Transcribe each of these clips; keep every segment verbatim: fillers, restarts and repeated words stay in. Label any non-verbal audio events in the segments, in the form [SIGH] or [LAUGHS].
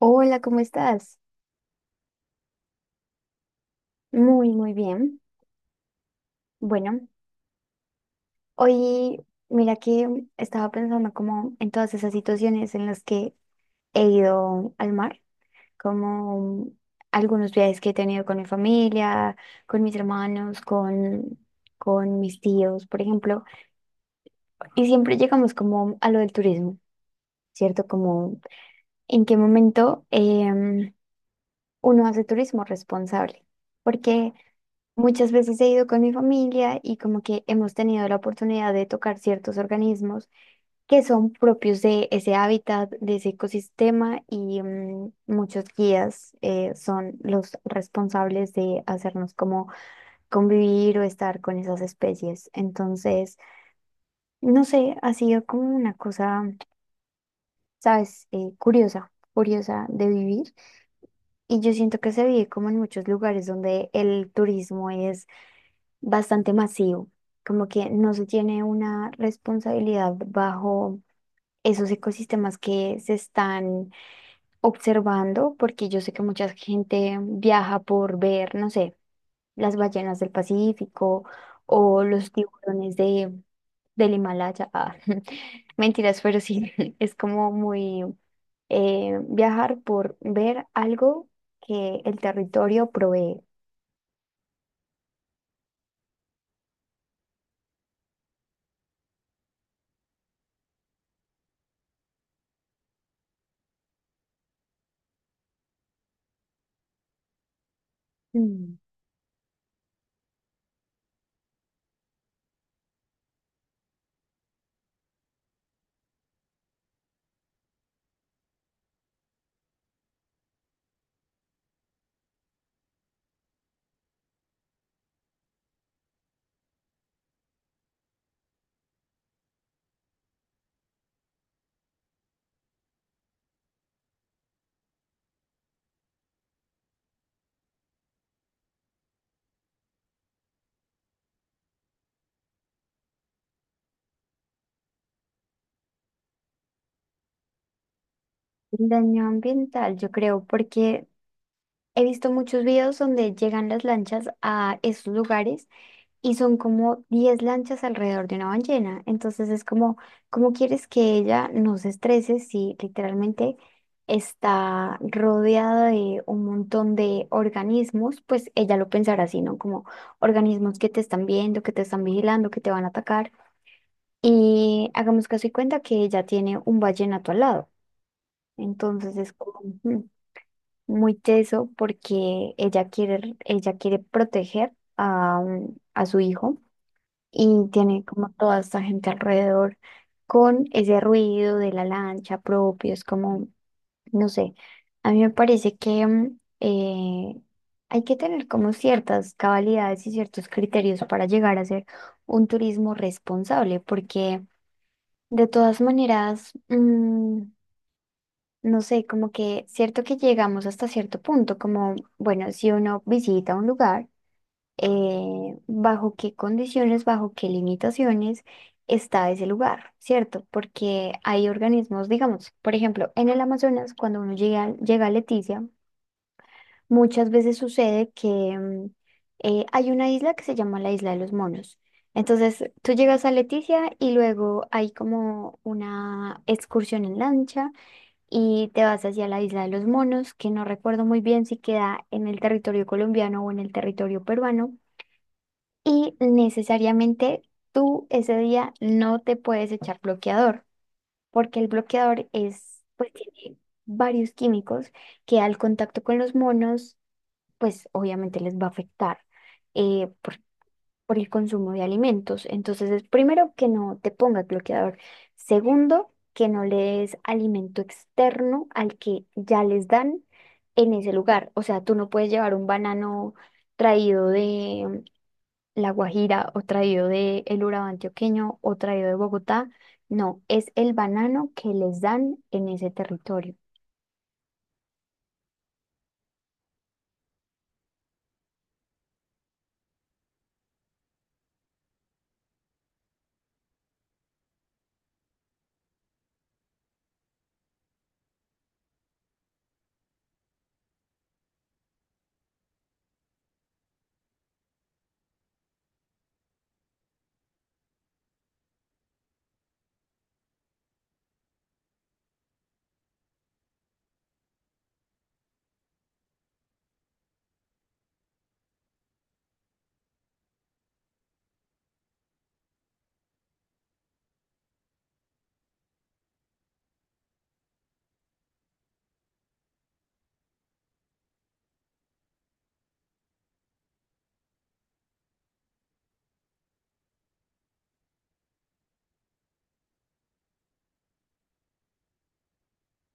Hola, ¿cómo estás? Muy, muy bien. Bueno, hoy mira que estaba pensando como en todas esas situaciones en las que he ido al mar, como algunos viajes que he tenido con mi familia, con mis hermanos, con, con mis tíos, por ejemplo. Y siempre llegamos como a lo del turismo, ¿cierto? Como en qué momento em, uno hace turismo responsable. Porque Muchas veces he ido con mi familia y como que hemos tenido la oportunidad de tocar ciertos organismos que son propios de ese hábitat, de ese ecosistema y mm, muchos guías eh, son los responsables de hacernos como convivir o estar con esas especies. Entonces, no sé, ha sido como una cosa, ¿sabes? Eh, curiosa, curiosa de vivir y yo siento que se vive como en muchos lugares donde el turismo es bastante masivo, como que no se tiene una responsabilidad bajo esos ecosistemas que se están observando, porque yo sé que mucha gente viaja por ver, no sé, las ballenas del Pacífico o los tiburones de, del Himalaya. Ah, [LAUGHS] mentiras, pero sí, [LAUGHS] es como muy eh, viajar por ver algo que el territorio provee. Mm. El daño ambiental, yo creo, porque He visto muchos videos donde llegan las lanchas a esos lugares y son como diez lanchas alrededor de una ballena. Entonces es como, ¿cómo quieres que ella no se estrese si literalmente está rodeada de un montón de organismos? Pues ella lo pensará así, ¿no? Como organismos que te están viendo, que te están vigilando, que te van a atacar. Y hagamos caso y cuenta que ella tiene un vallenato al lado. Entonces es como, ujú, muy teso porque ella quiere, ella quiere proteger a, un- a su hijo y tiene como toda esta gente alrededor con ese ruido de la lancha propio, es como, no sé, a mí me parece que mm, eh, hay que tener como ciertas cabalidades y ciertos criterios para llegar a ser un turismo responsable, porque de todas maneras, mm, no sé, como que cierto que llegamos hasta cierto punto, como, bueno, si uno visita un lugar, eh, bajo qué condiciones, bajo qué limitaciones está ese lugar, ¿cierto? Porque hay organismos, digamos, por ejemplo, en el Amazonas, cuando uno llega, llega a Leticia, muchas veces sucede que mm, eh, hay una isla que se llama la Isla de los Monos. Entonces, tú llegas a Leticia y luego hay como una excursión en lancha y te vas hacia la isla de los monos, que no recuerdo muy bien si queda en el territorio colombiano o en el territorio peruano, y necesariamente tú ese día no te puedes echar bloqueador, porque el bloqueador es, pues tiene varios químicos que al contacto con los monos, pues obviamente les va a afectar, eh, por el consumo de alimentos. Entonces, es primero que no te pongas bloqueador. Segundo, que no le des alimento externo al que ya les dan en ese lugar. O sea, tú no puedes llevar un banano traído de La Guajira o traído de el Urabá antioqueño o traído de Bogotá. No, es el banano que les dan en ese territorio.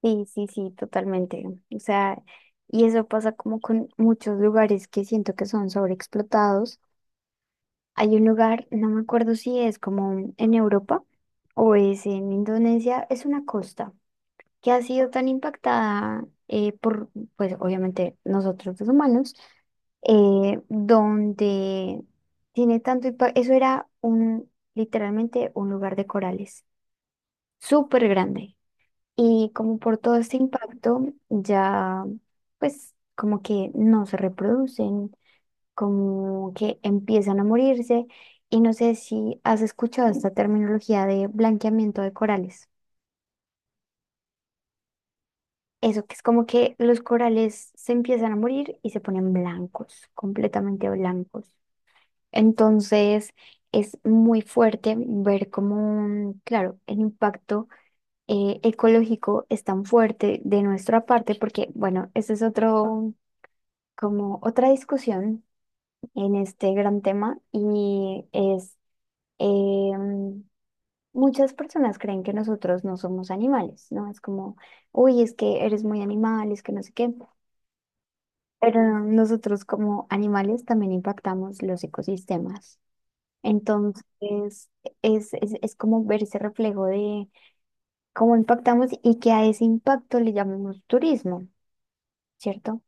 Sí, sí, sí, totalmente. O sea, y eso pasa como con muchos lugares que siento que son sobreexplotados. Hay un lugar, no me acuerdo si es como en Europa o es en Indonesia, es una costa que ha sido tan impactada eh, por, pues obviamente nosotros los humanos, eh, donde tiene tanto impacto, eso era un, literalmente un lugar de corales, súper grande. Y como por todo este impacto, ya pues como que no se reproducen, como que empiezan a morirse y no sé si has escuchado esta terminología de blanqueamiento de corales. Eso que es como que los corales se empiezan a morir y se ponen blancos, completamente blancos. Entonces es muy fuerte ver cómo, claro, el impacto eh, ecológico es tan fuerte de nuestra parte, porque bueno, ese es otro, como otra discusión en este gran tema y es, em, Muchas personas creen que nosotros no somos animales, ¿no? Es como, uy, es que eres muy animal, es que no sé qué. Pero nosotros como animales también impactamos los ecosistemas. Entonces, es, es, es como ver ese reflejo de cómo impactamos y que a ese impacto le llamemos turismo, ¿cierto?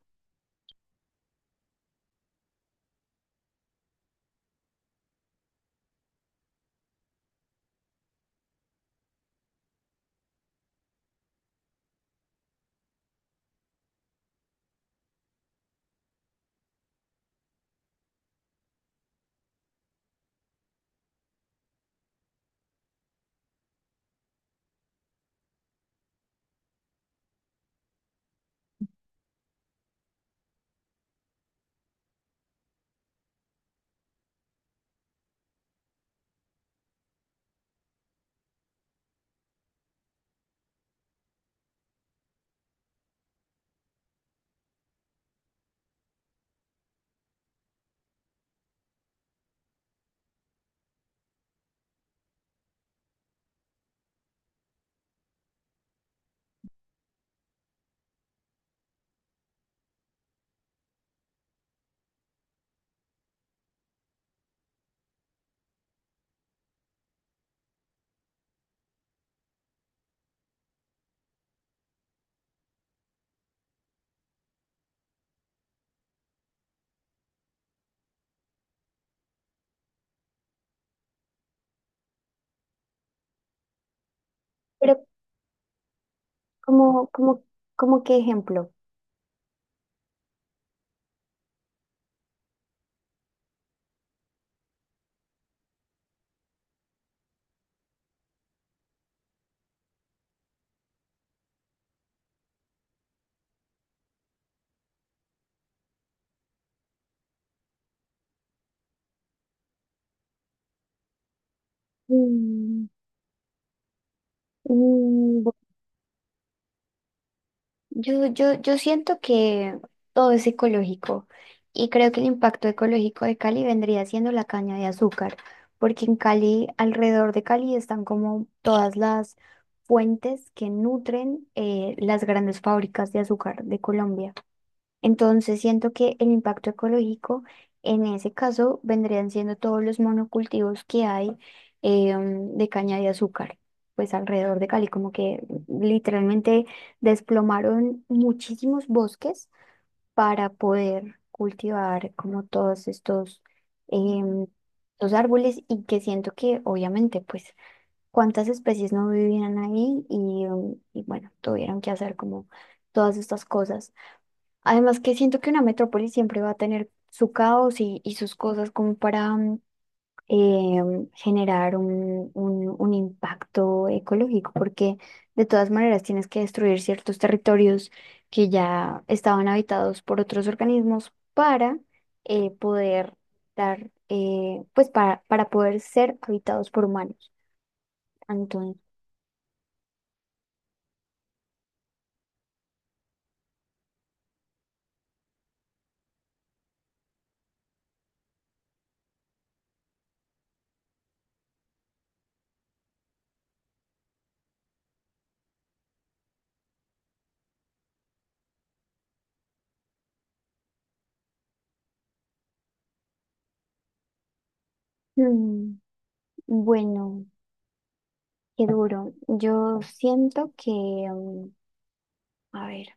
Pero como, como, como qué ejemplo. Mm. Mm. Yo, yo, yo siento que todo es ecológico y creo que el impacto ecológico de Cali vendría siendo la caña de azúcar, porque en Cali, alrededor de Cali, están como todas las fuentes que nutren eh, las grandes fábricas de azúcar de Colombia. Entonces siento que el impacto ecológico en ese caso vendrían siendo todos los monocultivos que hay em, de caña de azúcar, pues alrededor de Cali, como que literalmente desplomaron muchísimos bosques para poder cultivar como todos estos, em, estos árboles y que siento que obviamente pues cuántas especies no vivían ahí y, em, y bueno, tuvieron que hacer como todas estas cosas. Además que siento que una metrópoli siempre va a tener su caos y, y sus cosas como para mm, em, generar un, un- un impacto ecológico, porque de todas maneras tienes que destruir ciertos territorios que ya estaban habitados por otros organismos para eh, poder dar, eh, pues para, para poder ser habitados por humanos. Entonces, mm, bueno, qué duro. Yo siento que, mm, a ver.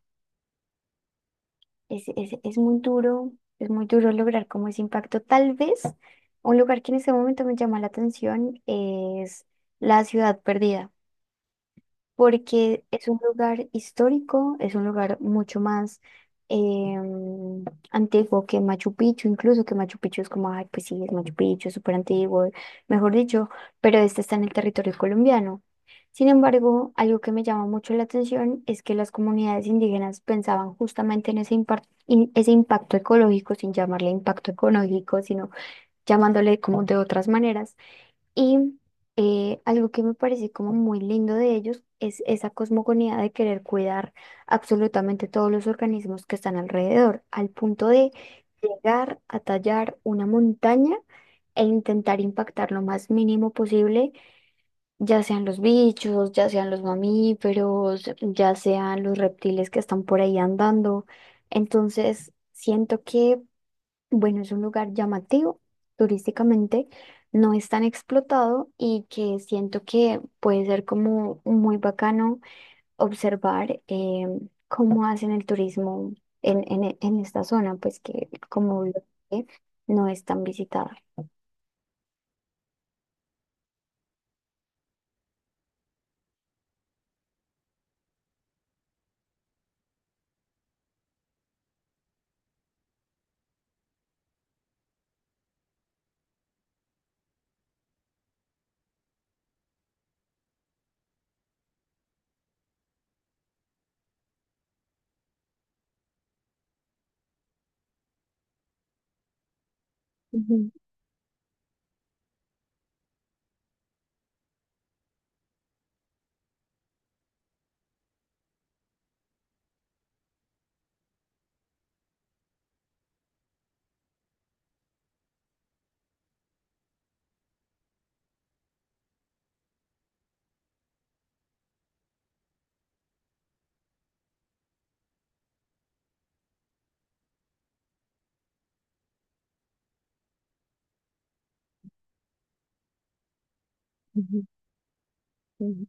Es, es, es muy duro, es muy duro lograr como ese impacto. Tal vez un lugar que en este momento me llama la atención es la ciudad perdida porque es un lugar histórico, es un lugar mucho más em, antiguo que Machu Picchu, incluso que Machu Picchu es como, ay, pues sí, es Machu Picchu, es súper antiguo, mejor dicho, pero este está en el territorio colombiano. Sin embargo, algo que me llama mucho la atención es que las comunidades indígenas pensaban justamente en ese, impar- in- ese impacto ecológico, sin llamarle impacto ecológico, sino llamándole como de otras maneras y eh, algo que me parece como muy lindo de ellos es esa cosmogonía de querer cuidar absolutamente todos los organismos que están alrededor, al punto de llegar a tallar una montaña e intentar impactar lo más mínimo posible, ya sean los bichos, ya sean los mamíferos, ya sean los reptiles que están por ahí andando. Entonces, siento que bueno, es un lugar llamativo turísticamente, no es tan explotado y que siento que puede ser como muy bacano observar eh, cómo hacen el turismo en, en, e, en esta zona, pues que como lo dije, no es tan visitada. Ujú, ujú, ujú.